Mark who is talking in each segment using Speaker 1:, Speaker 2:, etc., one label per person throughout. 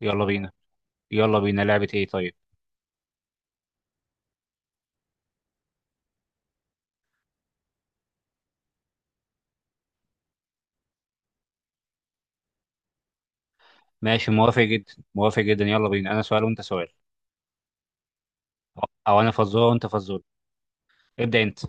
Speaker 1: يلا بينا. يلا بينا لعبة ايه؟ طيب، ماشي، موافق جدا موافق جدا، يلا بينا، انا سؤال وانت سؤال، او انا فزورة وانت فزورة، ابدأ انت.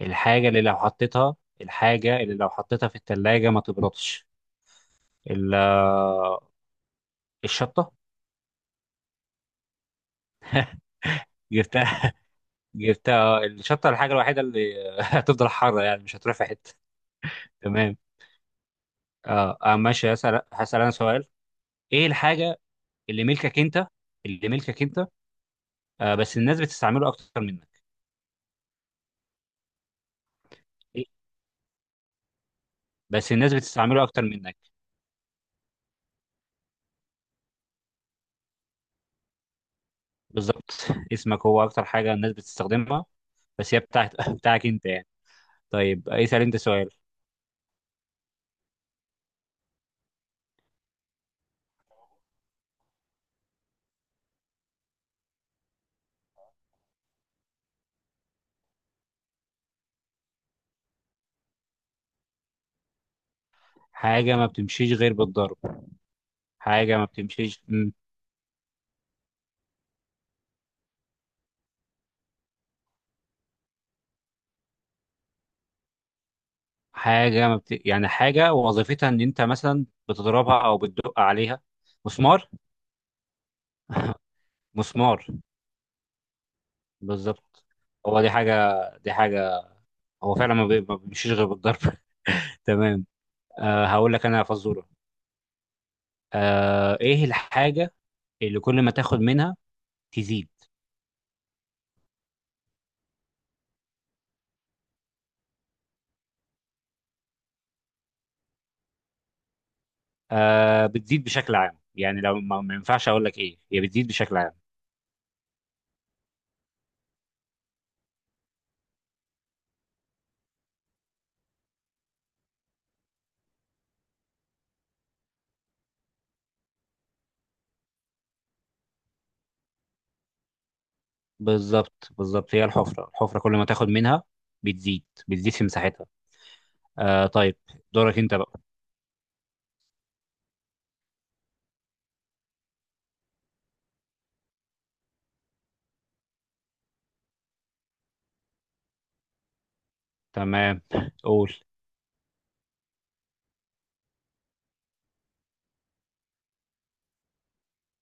Speaker 1: الحاجة اللي لو حطيتها في التلاجة ما تبردش؟ ال- آه، الشطة. جبتها. جبتها. الشطة الحاجة الوحيدة اللي هتفضل حارة يعني مش هتروح في حتة. تمام. ماشي، هسأل انا سؤال. ايه الحاجة اللي ملكك انت اللي ملكك انت، آه بس الناس بتستعمله اكتر منك؟ إيه؟ بس الناس بتستعمله اكتر منك. بالظبط، اسمك هو اكتر حاجه الناس بتستخدمها، بس هي بتاعت بتاعك انت يعني. طيب، اسال انت سؤال. حاجه ما بتمشيش غير بالضرب؟ حاجه ما بتمشيش، حاجه ما بت... يعني حاجه وظيفتها ان انت مثلا بتضربها او بتدق عليها. مسمار. مسمار بالظبط. هو دي حاجه، دي حاجه، هو فعلا ما بيمشيش غير بالضرب. تمام. آه، هقول لك انا يا فزوره. آه، ايه الحاجه اللي كل ما تاخد منها تزيد؟ آه، بتزيد بشكل عام، يعني لو ما ينفعش اقول لك ايه هي، بتزيد بشكل عام. بالظبط بالظبط، هي الحفره، الحفره كل ما تاخد منها بتزيد، بتزيد في مساحتها. آه طيب، دورك انت بقى. تمام، قول.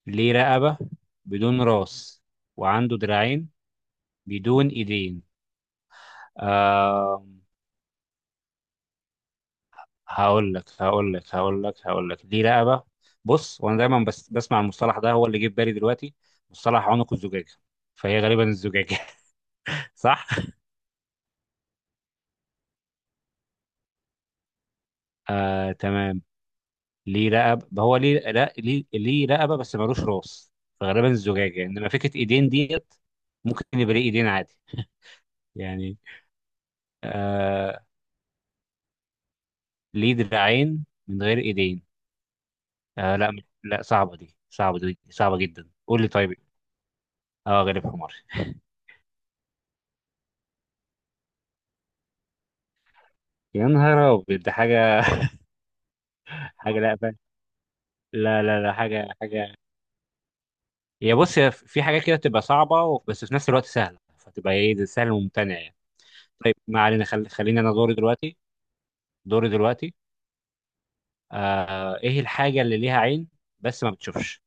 Speaker 1: ليه رقبه بدون راس وعنده دراعين بدون ايدين. آه، هقول لك ليه رقبه. بص، وانا دايما بس بسمع المصطلح ده هو اللي جه في بالي دلوقتي، مصطلح عنق الزجاجه، فهي غالبا الزجاجه. صح. آه تمام. ليه رقبة، ما هو ليه، لا ليه، ليه رقبة بس ملوش راس، فغالبا الزجاجة، انما فكرة ايدين ديت ممكن يبقى ليه ايدين عادي يعني. آه، ليه دراعين من غير ايدين؟ آه لا، لا صعبة دي صعبة جدا، قول لي طيب. اه، غالب حمار. يا نهار ابيض، ده حاجة. حاجة، لا لا لا، حاجة. هي بص، هي في حاجة كده تبقى صعبة بس في نفس الوقت سهلة، فتبقى ايه، ده سهل وممتنع يعني. طيب ما علينا، خليني انا دوري دلوقتي. دوري دلوقتي آه، ايه الحاجة اللي ليها عين بس ما بتشوفش؟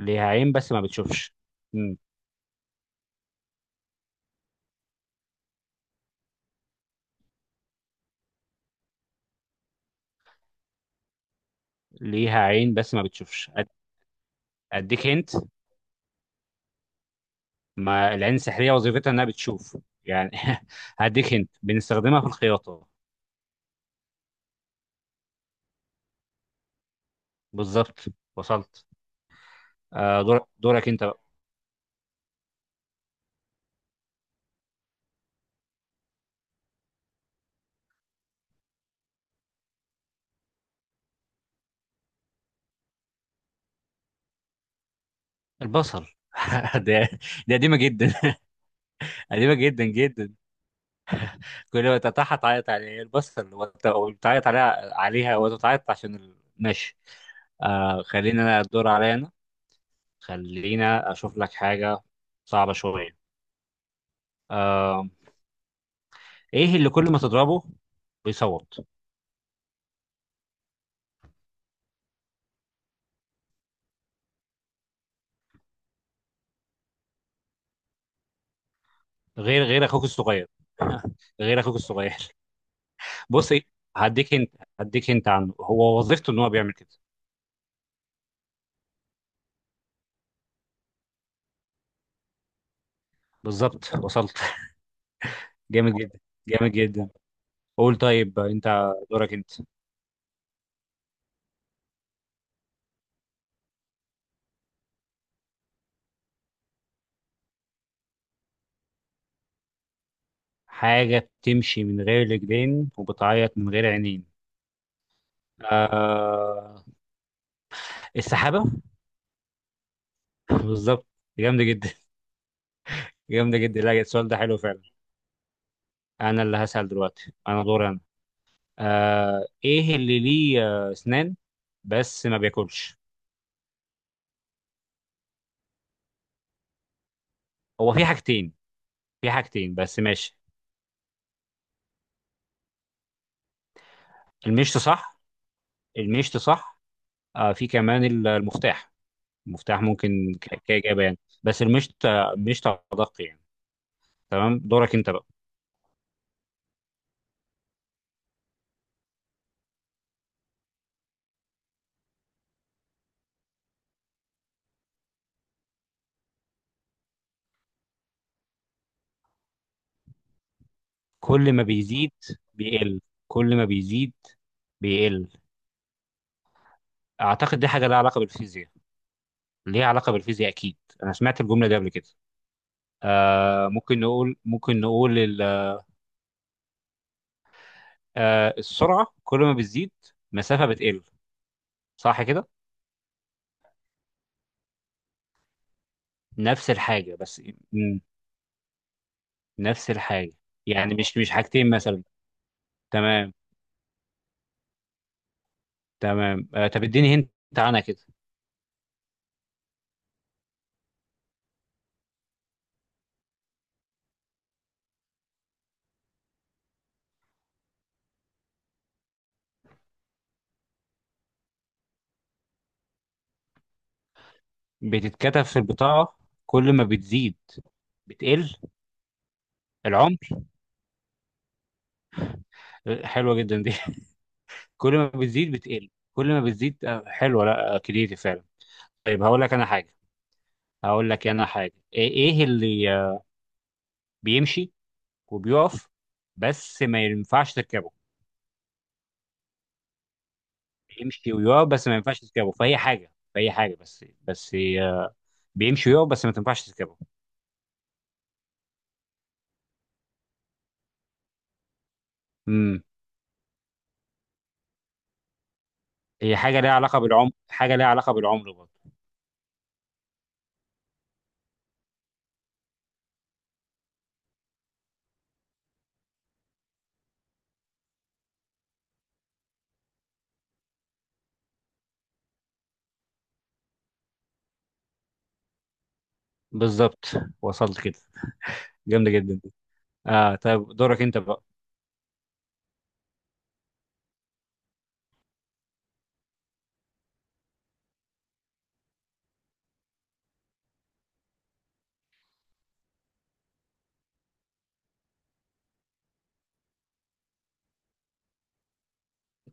Speaker 1: ليها عين بس ما بتشوفش، مم. ليها عين بس ما بتشوفش. اديك هنت. ما العين السحرية وظيفتها انها بتشوف يعني. هديك هنت، بنستخدمها في الخياطة. بالظبط، وصلت. آه، دورك انت بقى. البصل. ده دي قديمة جدا. قديمة جدا جدا. كل ما تتعاطى تعيط عليه البصل، وتعيط عليها وتتعيط عشان ماشي. آه، خلينا انا الدور عليا أنا. خلينا اشوف لك حاجه صعبه شويه. آه، ايه اللي كل ما تضربه بيصوت؟ غير اخوك الصغير. غير اخوك الصغير. بص إيه، هديك انت، هديك انت عنه، هو وظيفته ان هو بيعمل كده. بالظبط، وصلت. جامد جدا جامد جدا. قول طيب انت دورك انت. حاجه بتمشي من غير رجلين وبتعيط من غير عينين. آه، السحابه. بالظبط، جامده جدا، جامده جدا، لا السؤال ده حلو فعلا. انا اللي هسأل دلوقتي، انا دور انا. آه، ايه اللي ليه اسنان بس ما بياكلش؟ هو في حاجتين، في حاجتين بس ماشي. المشط صح، المشط صح. آه، في كمان المفتاح، المفتاح ممكن كإجابة يعني، بس المشط، المشط أدق يعني. تمام، دورك انت بقى. كل ما بيزيد بيقل. كل ما بيزيد بيقل. اعتقد دي حاجة لها علاقة بالفيزياء، ليها علاقة بالفيزياء اكيد، انا سمعت الجملة دي قبل كده. آه، ممكن نقول، آه، السرعة كل ما بتزيد، مسافة بتقل. صح كده؟ نفس الحاجة بس، مم. نفس الحاجة. يعني مش حاجتين مثلا. تمام، تمام. آه طب اديني هنت عنها كده. بتتكتب في البطاقة، كل ما بتزيد بتقل. العمر. آه، حلوة جدا دي. كل ما بتزيد بتقل. كل ما بتزيد، آه حلوة، لا آه، كريتيف فعلا. طيب، هقول لك أنا حاجة. إيه اللي بيمشي وبيقف بس ما ينفعش تركبه؟ بيمشي ويقف بس ما ينفعش تركبه في اي حاجه، في اي حاجه بس بس آه، بيمشي ويقف بس ما تنفعش تركبه. امم هي حاجه ليها علاقه بالعمر، حاجه ليها علاقه بالعمر برضه. بالظبط، وصلت كده، جامده جدا دي. اه طيب، دورك انت بقى.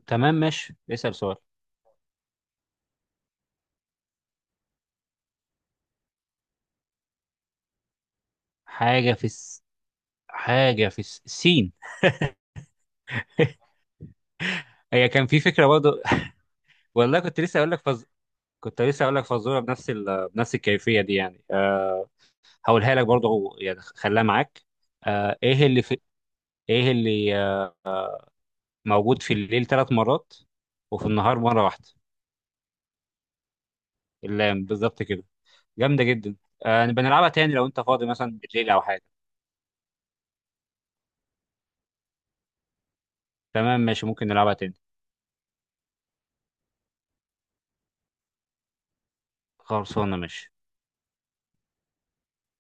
Speaker 1: تمام ماشي، اسال سؤال. حاجه في الس... حاجه في الس... السين. هي كان في فكره برضه. والله كنت لسه اقول لك فز... كنت لسه اقول لك فزوره بنفس بنفس الكيفيه دي يعني. آه، هقولها لك برضه هو يعني، خليها معاك. آه، ايه اللي موجود في الليل 3 مرات وفي النهار مرة واحدة؟ اللام. بالظبط كده، جامدة جدا. آه، نبقى نلعبها تاني لو انت فاضي مثلا بالليل او حاجة. تمام ماشي، ممكن نلعبها تاني. خلصانة ماشي.